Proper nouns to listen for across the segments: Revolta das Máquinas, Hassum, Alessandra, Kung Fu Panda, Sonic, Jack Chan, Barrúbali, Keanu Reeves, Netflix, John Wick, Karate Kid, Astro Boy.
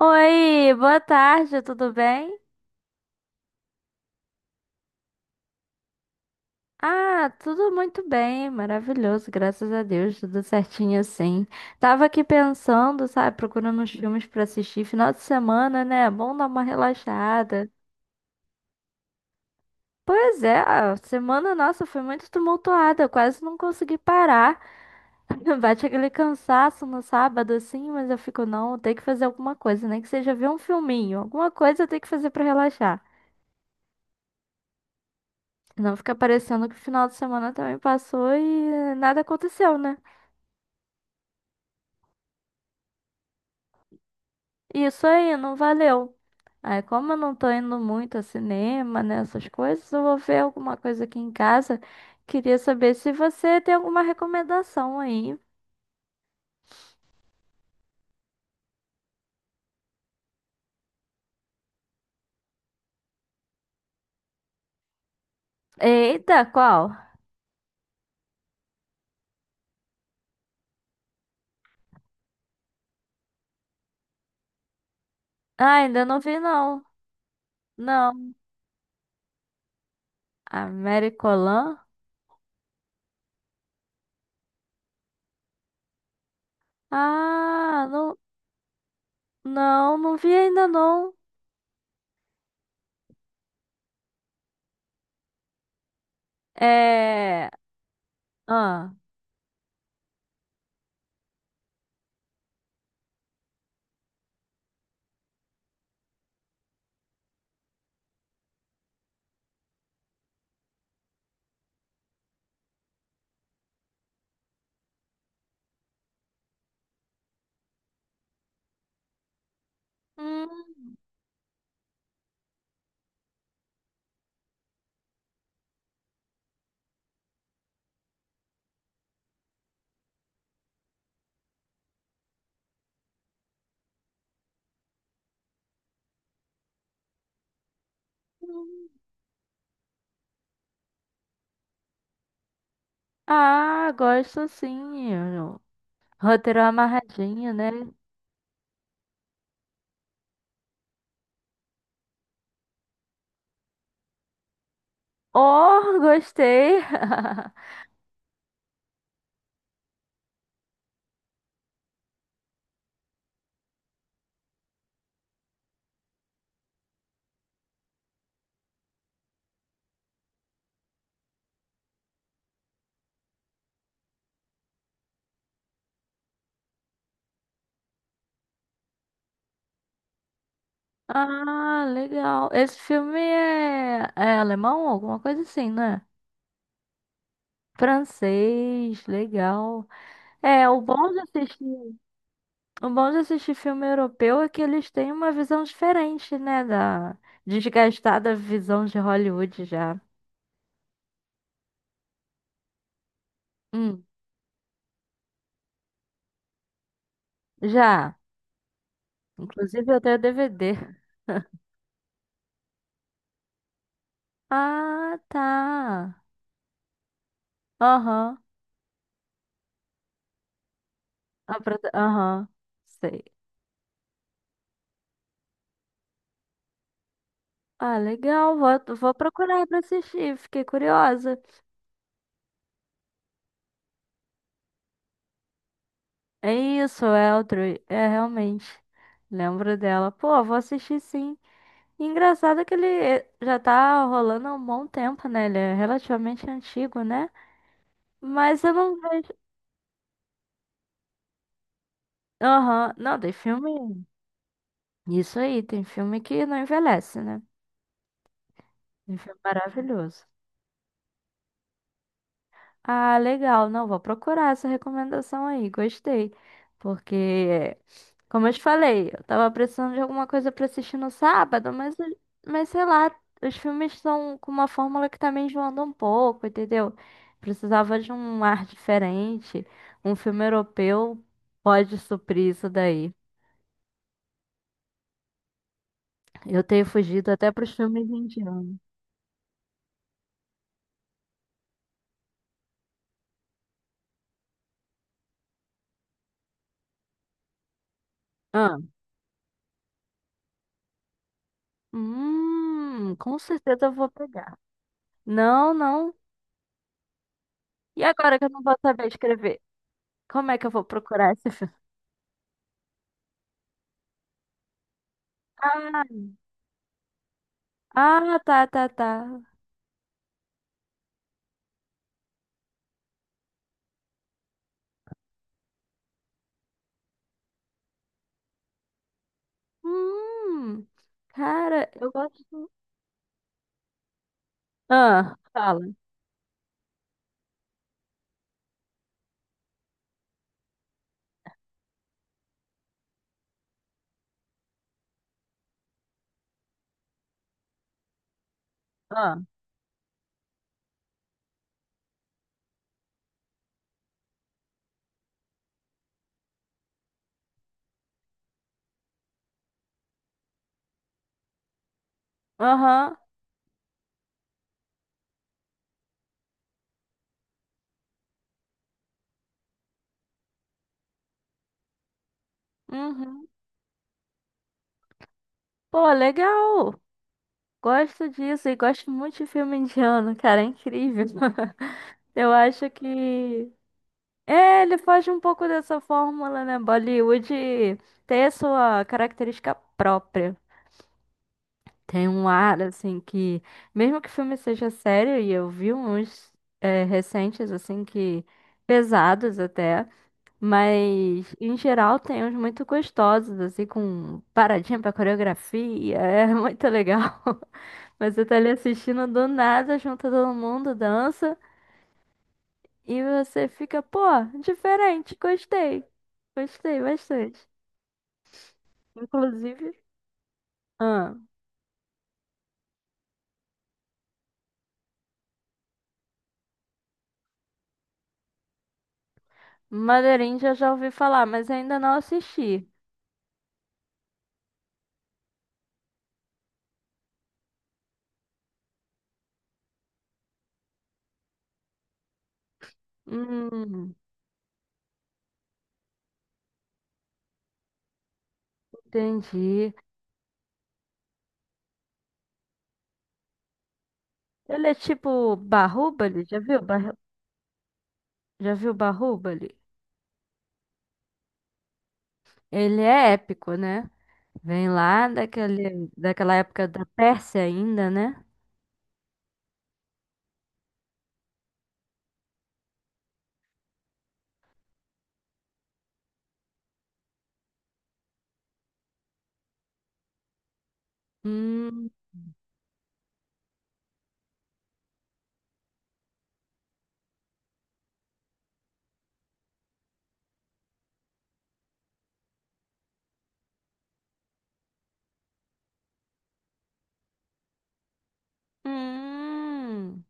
Oi, boa tarde, tudo bem? Ah, tudo muito bem, maravilhoso, graças a Deus, tudo certinho assim. Tava aqui pensando, sabe, procurando uns filmes pra assistir, final de semana, né? É bom dar uma relaxada. Pois é, a semana nossa foi muito tumultuada, eu quase não consegui parar. Bate aquele cansaço no sábado assim, mas eu fico, não, tem que fazer alguma coisa, nem que seja ver um filminho, alguma coisa eu tenho que fazer pra relaxar. Não fica parecendo que o final de semana também passou e nada aconteceu, né? Isso aí, não valeu. Aí, como eu não tô indo muito a cinema, né, essas coisas, eu vou ver alguma coisa aqui em casa. Queria saber se você tem alguma recomendação aí. Eita, qual? Ah, ainda não vi, não. Não. Americolan? Ah, não, não, não vi ainda, não. É. Ah. Hum. Hum. Ah, gosto sim. Roteiro amarradinho, né? Oh, gostei! Ah, legal. Esse filme é, é alemão, alguma coisa assim, né? Francês, legal. É, o bom de assistir, o bom de assistir filme europeu é que eles têm uma visão diferente, né? Da desgastada visão de Hollywood já. Hum, já. Inclusive eu tenho DVD. Ah, tá. Aham. A prota- Aham. Sei. Ah, legal, vou, vou procurar pra assistir, fiquei curiosa. É isso, Eltro, é realmente. Lembro dela. Pô, vou assistir sim. E engraçado que ele já tá rolando há um bom tempo, né? Ele é relativamente antigo, né? Mas eu não vejo. Aham. Não, tem filme. Isso aí, tem filme que não envelhece, né? Tem filme maravilhoso. Ah, legal. Não, vou procurar essa recomendação aí. Gostei. Porque, como eu te falei, eu tava precisando de alguma coisa pra assistir no sábado, mas sei lá, os filmes estão com uma fórmula que tá me enjoando um pouco, entendeu? Precisava de um ar diferente. Um filme europeu pode suprir isso daí. Eu tenho fugido até pros filmes indianos. Ah. Com certeza eu vou pegar. Não, não. E agora que eu não vou saber escrever? Como é que eu vou procurar esse filme? Ah, ah, tá, tá, tá. Hum, cara, eu gosto. Ah, fala. Ah, aham, uhum. Pô, legal. Gosto disso e gosto muito de filme indiano, cara, é incrível. Eu acho que. É, ele foge um pouco dessa fórmula, né? Bollywood ter sua característica própria. Tem um ar, assim, que. Mesmo que o filme seja sério, e eu vi uns recentes, assim, que. Pesados até, mas em geral tem uns muito gostosos, assim, com paradinha pra coreografia, é muito legal. Mas você tá ali assistindo do nada, junta todo mundo, dança, e você fica, pô, diferente, gostei, gostei bastante. Inclusive, ah, Madeirinha já já ouvi falar, mas ainda não assisti. Hum. Entendi. Ele é tipo Barrúbali, já viu? Barru- Já viu Barrúbali? Ele é épico, né? Vem lá daquele, daquela época da Pérsia ainda, né? Hum, hum,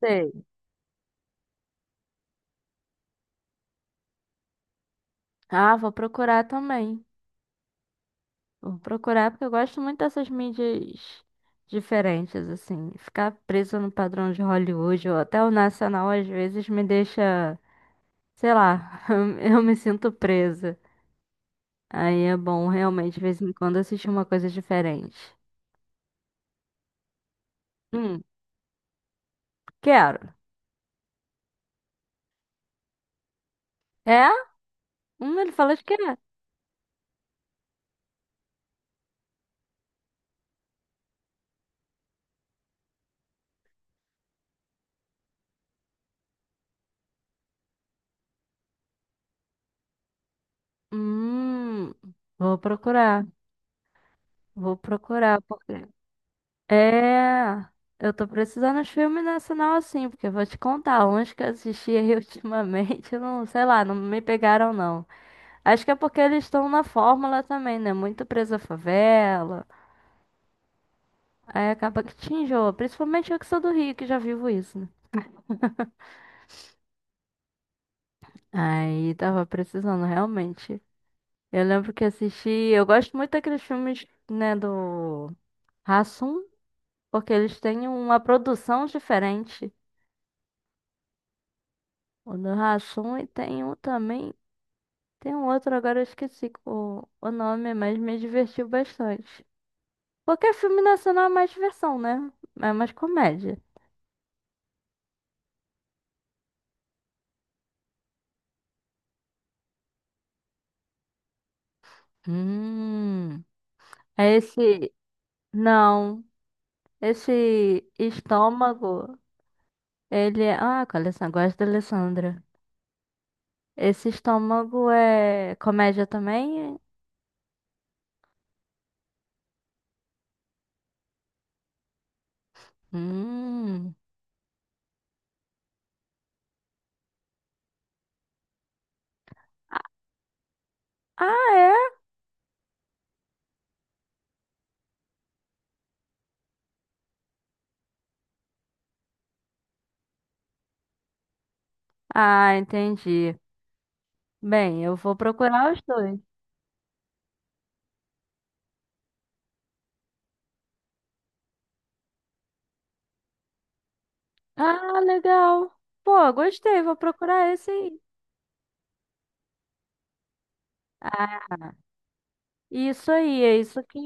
sei. Ah, vou procurar também. Vou procurar porque eu gosto muito dessas mídias diferentes, assim. Ficar preso no padrão de Hollywood ou até o nacional às vezes me deixa, sei lá, eu me sinto presa. Aí é bom realmente, de vez em quando, assistir uma coisa diferente. Hum, quero. É? Ele fala de quê? Hum, vou procurar. Vou procurar, porque. É. Eu tô precisando de filme nacional assim, porque eu vou te contar, uns que eu assisti aí ultimamente, eu não, sei lá, não me pegaram não. Acho que é porque eles estão na fórmula também, né? Muito preso à favela. Aí acaba que te enjoa, principalmente eu que sou do Rio, que já vivo isso, né? Aí tava precisando realmente. Eu lembro que assisti. Eu gosto muito daqueles filmes, né, do Hassum, porque eles têm uma produção diferente. O do Hassum e tem um também. Tem um outro, agora eu esqueci o nome, mas me divertiu bastante. Porque é filme nacional é mais diversão, né? É mais comédia. Hum. É esse. Não. Esse estômago. Ele é. Ah, com a Alessandra. Gosto da Alessandra. Esse estômago é comédia também? Hum. Ah, é? Ah, entendi. Bem, eu vou procurar os dois. Ah, legal. Pô, gostei, vou procurar esse aí. Ah, isso aí, é isso aqui.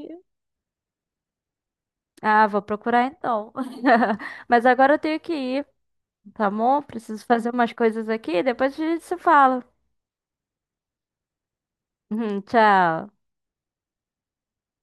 Ah, vou procurar então. Mas agora eu tenho que ir, tá bom? Preciso fazer umas coisas aqui, depois a gente se fala. Tchau.